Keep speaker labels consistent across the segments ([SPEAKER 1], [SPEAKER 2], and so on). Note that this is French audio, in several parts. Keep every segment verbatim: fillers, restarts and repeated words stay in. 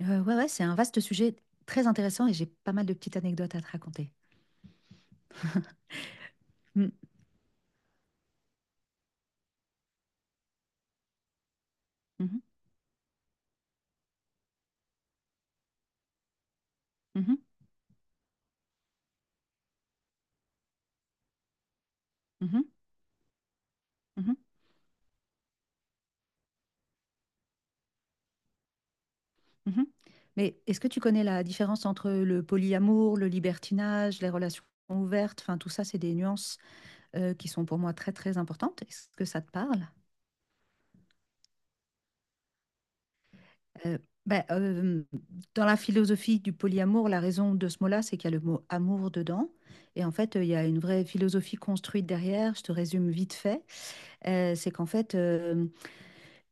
[SPEAKER 1] Heu, ouais, ouais, c'est un vaste sujet très intéressant et j'ai pas mal de petites anecdotes à te raconter. Mmh. Mmh mh. Mmh mh. Mmh. Mmh. Mmh. Mais est-ce que tu connais la différence entre le polyamour, le libertinage, les relations ouvertes? Enfin, tout ça, c'est des nuances, heu, qui sont pour moi très, très importantes. Est-ce que ça te parle? Heu, bah, hem, dans la philosophie du polyamour, la raison de ce mot-là, c'est qu'il y a le mot «amour» dedans et en fait, heu, il y a une vraie philosophie construite derrière. Je te résume vite fait. Heu, c'est qu'en fait, hem,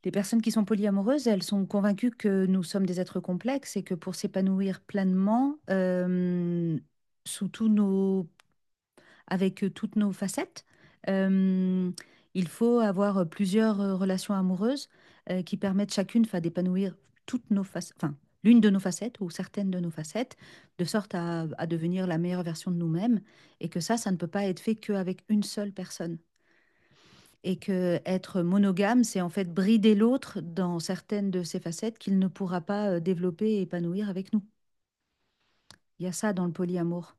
[SPEAKER 1] les personnes qui sont polyamoureuses, elles sont convaincues que nous sommes des êtres complexes et que pour s'épanouir pleinement, euh, sous tous nos, avec toutes nos facettes, euh, il faut avoir plusieurs euh, relations amoureuses euh, qui permettent chacune, enfin, d'épanouir toutes nos facettes, enfin, l'une de nos facettes ou certaines de nos facettes, de sorte à, à devenir la meilleure version de nous-mêmes. Et que ça, ça ne peut pas être fait qu'avec une seule personne et que être monogame, c'est en fait brider l'autre dans certaines de ses facettes qu'il ne pourra pas euh, développer et épanouir avec nous. Il y a ça dans le polyamour.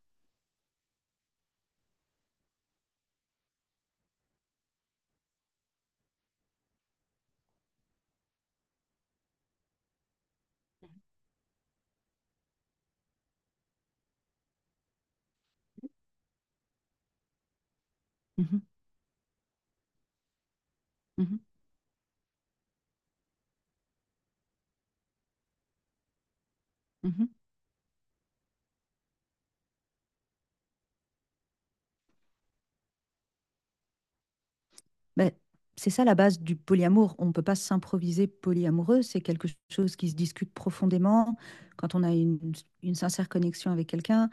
[SPEAKER 1] Mhm, mhm, mhm. Ben, c'est ça la base du polyamour. On ne peut pas s'improviser polyamoureux. C'est quelque chose qui se discute profondément quand on a une, une sincère connexion avec quelqu'un.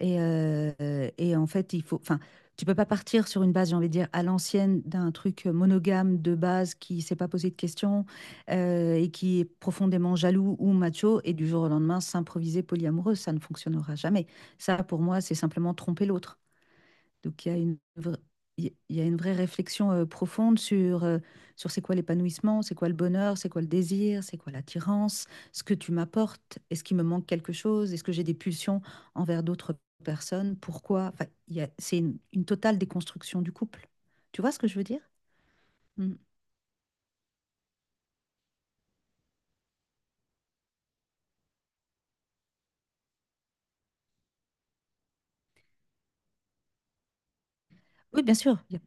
[SPEAKER 1] Et, euh, et en fait, il faut, enfin, tu peux pas partir sur une base, j'ai envie de dire, à l'ancienne d'un truc monogame de base qui s'est pas posé de questions euh, et qui est profondément jaloux ou macho et du jour au lendemain s'improviser polyamoureux. Ça ne fonctionnera jamais. Ça, pour moi, c'est simplement tromper l'autre. Donc, il y a une vraie, il y a une vraie réflexion euh, profonde sur, euh, sur c'est quoi l'épanouissement, c'est quoi le bonheur, c'est quoi le désir, c'est quoi l'attirance, ce que tu m'apportes, est-ce qu'il me manque quelque chose, est-ce que j'ai des pulsions envers d'autres personnes, pourquoi, enfin, il y a- c'est une, une totale déconstruction du couple. Tu vois ce que je veux dire? Mm. Oui, bien sûr. il y a-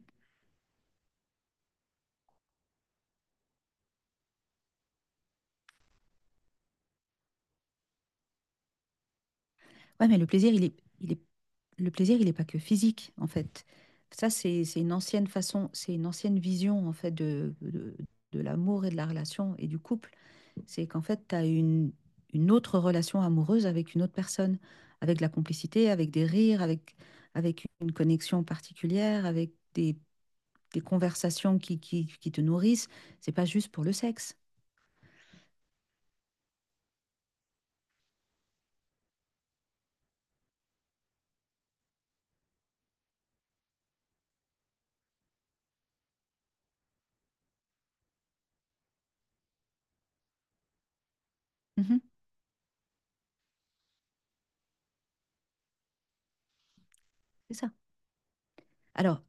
[SPEAKER 1] Ouais, mais le plaisir, il est, il est, le plaisir, il n'est pas que physique, en fait. Ça, c'est, c'est une ancienne façon, c'est une ancienne vision, en fait, de, de, de l'amour et de la relation et du couple. C'est qu'en fait, tu as une, une autre relation amoureuse avec une autre personne, avec de la complicité, avec des rires, avec, avec une connexion particulière, avec des, des conversations qui, qui, qui te nourrissent. C'est pas juste pour le sexe. Mhm, c'est ça. Alors,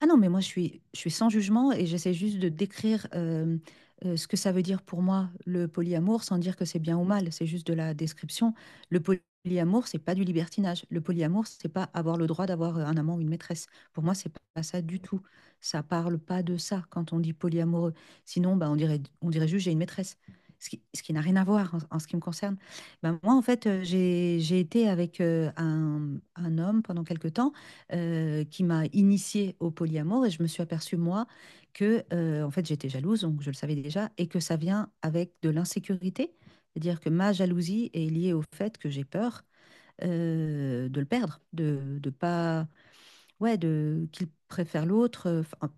[SPEAKER 1] ah non, mais moi, je suis, je suis sans jugement et j'essaie juste de décrire euh, euh, ce que ça veut dire pour moi, le polyamour, sans dire que c'est bien ou mal, c'est juste de la description. Le polyamour, c'est pas du libertinage. Le polyamour, c'est pas avoir le droit d'avoir un amant ou une maîtresse. Pour moi, c'est pas ça du tout. Ça parle pas de ça quand on dit polyamoureux. Sinon, bah, on dirait, on dirait juste j'ai une maîtresse, ce qui, ce qui n'a rien à voir en, en ce qui me concerne. Bah, moi, en fait, euh, j'ai, j'ai été avec euh, un, un homme pendant quelques temps euh, qui m'a initiée au polyamour et je me suis aperçue, moi, que euh, en fait, j'étais jalouse, donc je le savais déjà, et que ça vient avec de l'insécurité. C'est-à-dire que ma jalousie est liée au fait que j'ai peur euh, de le perdre, de, de pas, ouais, de qu'il préfère l'autre. Enfin,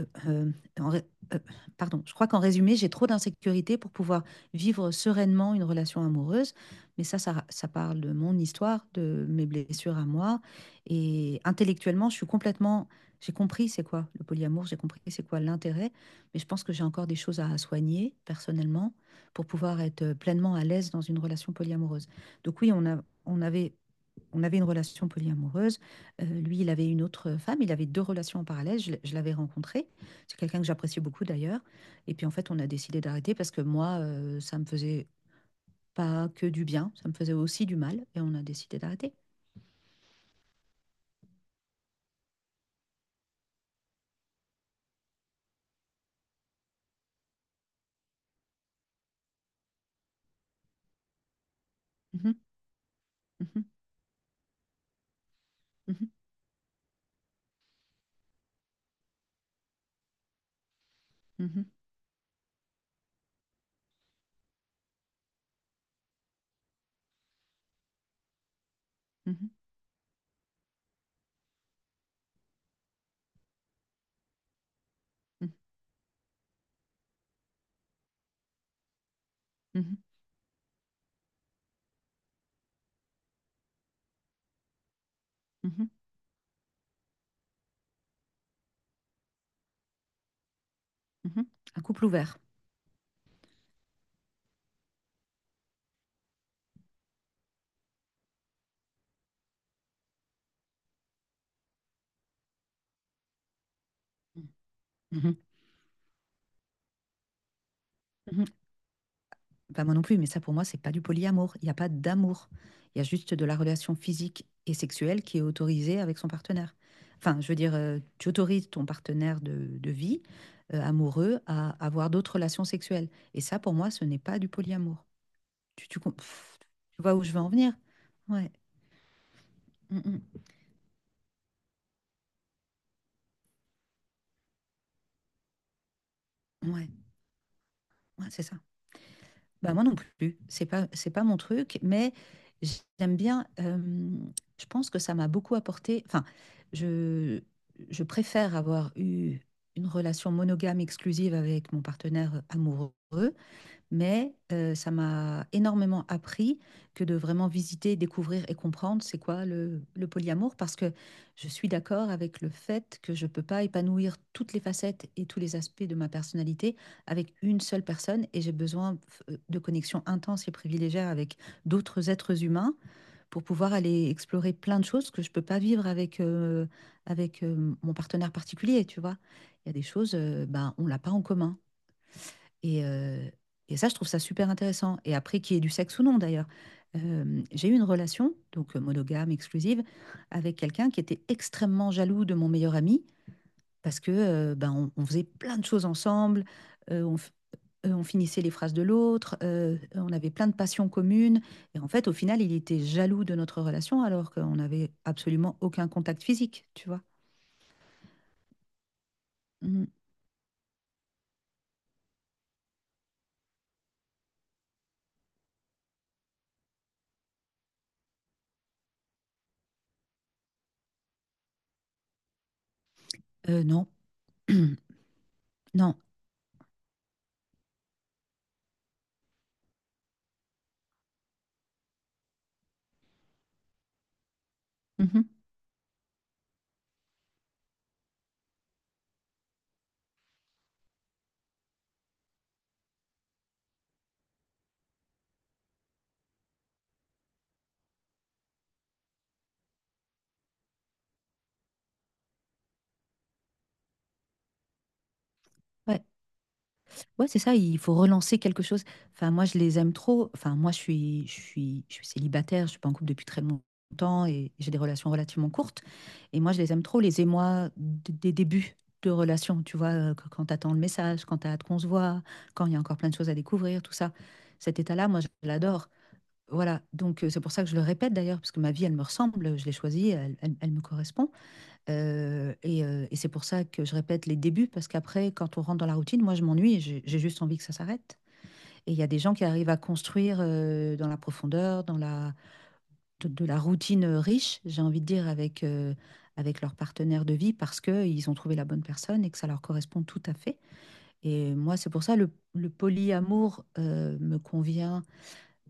[SPEAKER 1] euh, euh, euh, en ré- euh, pardon, je crois qu'en résumé, j'ai trop d'insécurité pour pouvoir vivre sereinement une relation amoureuse. Mais ça, ça, ça parle de mon histoire, de mes blessures à moi. Et intellectuellement, je suis complètement... J'ai compris c'est quoi le polyamour, j'ai compris c'est quoi l'intérêt. Mais je pense que j'ai encore des choses à soigner personnellement pour pouvoir être pleinement à l'aise dans une relation polyamoureuse. Donc oui, on a, on avait on avait une relation polyamoureuse. Euh, lui, il avait une autre femme. Il avait deux relations en parallèle. Je, je l'avais rencontré. C'est quelqu'un que j'appréciais beaucoup d'ailleurs. Et puis en fait, on a décidé d'arrêter parce que moi, euh, ça me faisait pas que du bien, ça me faisait aussi du mal. Et on a décidé d'arrêter. Mhm, mhm, mhm, mhm, mhm, mhm, mhm, mhm, mhm. Un couple ouvert. Mhm, mhm, mhm. Pas moi non plus, mais ça pour moi, c'est pas du polyamour. Il n'y a pas d'amour. Il y a juste de la relation physique et sexuelle qui est autorisée avec son partenaire. Enfin, je veux dire, euh, tu autorises ton partenaire de, de vie, euh, amoureux, à avoir d'autres relations sexuelles. Et ça, pour moi, ce n'est pas du polyamour. Tu, tu, com- pff, tu vois où je veux en venir? Ouais, mm, mm. Ouais, ouais, c'est ça. Bah moi non plus, c'est pas, c'est pas mon truc, mais j'aime bien, euh, je pense que ça m'a beaucoup apporté, enfin, je, je préfère avoir eu une relation monogame exclusive avec mon partenaire amoureux mais euh, ça m'a énormément appris que de vraiment visiter, découvrir et comprendre c'est quoi le, le polyamour, parce que je suis d'accord avec le fait que je ne peux pas épanouir toutes les facettes et tous les aspects de ma personnalité avec une seule personne, et j'ai besoin euh, de connexions intenses et privilégiées avec d'autres êtres humains pour pouvoir aller explorer plein de choses que je ne peux pas vivre avec, euh, avec euh, mon partenaire particulier, tu vois. Il y a des choses, euh, ben, on l'a pas en commun. Et, euh, et ça, je trouve ça super intéressant. Et après, qu'il y ait du sexe ou non, d'ailleurs. Euh, j'ai eu une relation, donc euh, monogame, exclusive, avec quelqu'un qui était extrêmement jaloux de mon meilleur ami, parce que euh, ben, on, on faisait plein de choses ensemble, euh, on, f- euh, on finissait les phrases de l'autre, euh, on avait plein de passions communes. Et en fait, au final, il était jaloux de notre relation, alors qu'on n'avait absolument aucun contact physique, tu vois. Mhm. Euh, non, non. Mhm. Ouais. Ouais, c'est ça, il faut relancer quelque chose. Enfin, moi, je les aime trop. Enfin, moi, je suis, je suis, je suis célibataire, je suis pas en couple depuis très longtemps et j'ai des relations relativement courtes. Et moi, je les aime trop, les émois d- des débuts de relation, tu vois, euh, qu- quand t'attends le message, quand t'as hâte qu'on se voit, quand il y a encore plein de choses à découvrir, tout ça. Cet état-là, moi, je l'adore. Voilà, donc euh, c'est pour ça que je le répète d'ailleurs, parce que ma vie, elle me ressemble, je l'ai choisie, elle, elle elle me correspond. Euh, et euh, et c'est pour ça que je répète les débuts, parce qu'après, quand on rentre dans la routine, moi, je m'ennuie, et j'ai j'ai juste envie que ça s'arrête. Et il y a des gens qui arrivent à construire euh, dans la profondeur, dans la, de, de la routine euh, riche, j'ai envie de dire, avec, euh, avec leur partenaire de vie, parce qu'ils ont trouvé la bonne personne et que ça leur correspond tout à fait. Et moi, c'est pour ça, le, le polyamour euh, me convient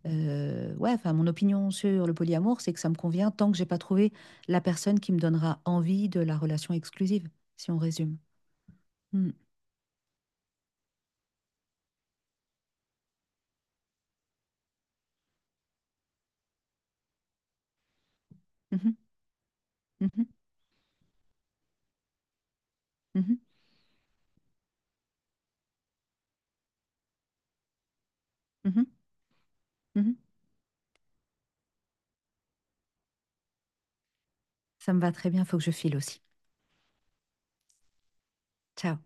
[SPEAKER 1] euh, ouais, enfin, mon opinion sur le polyamour, c'est que ça me convient tant que j'ai pas trouvé la personne qui me donnera envie de la relation exclusive, si on résume. Hmm. Mhm, mhm, mhm, mhm, mhm. Ça me va très bien, faut que je file aussi. Ciao.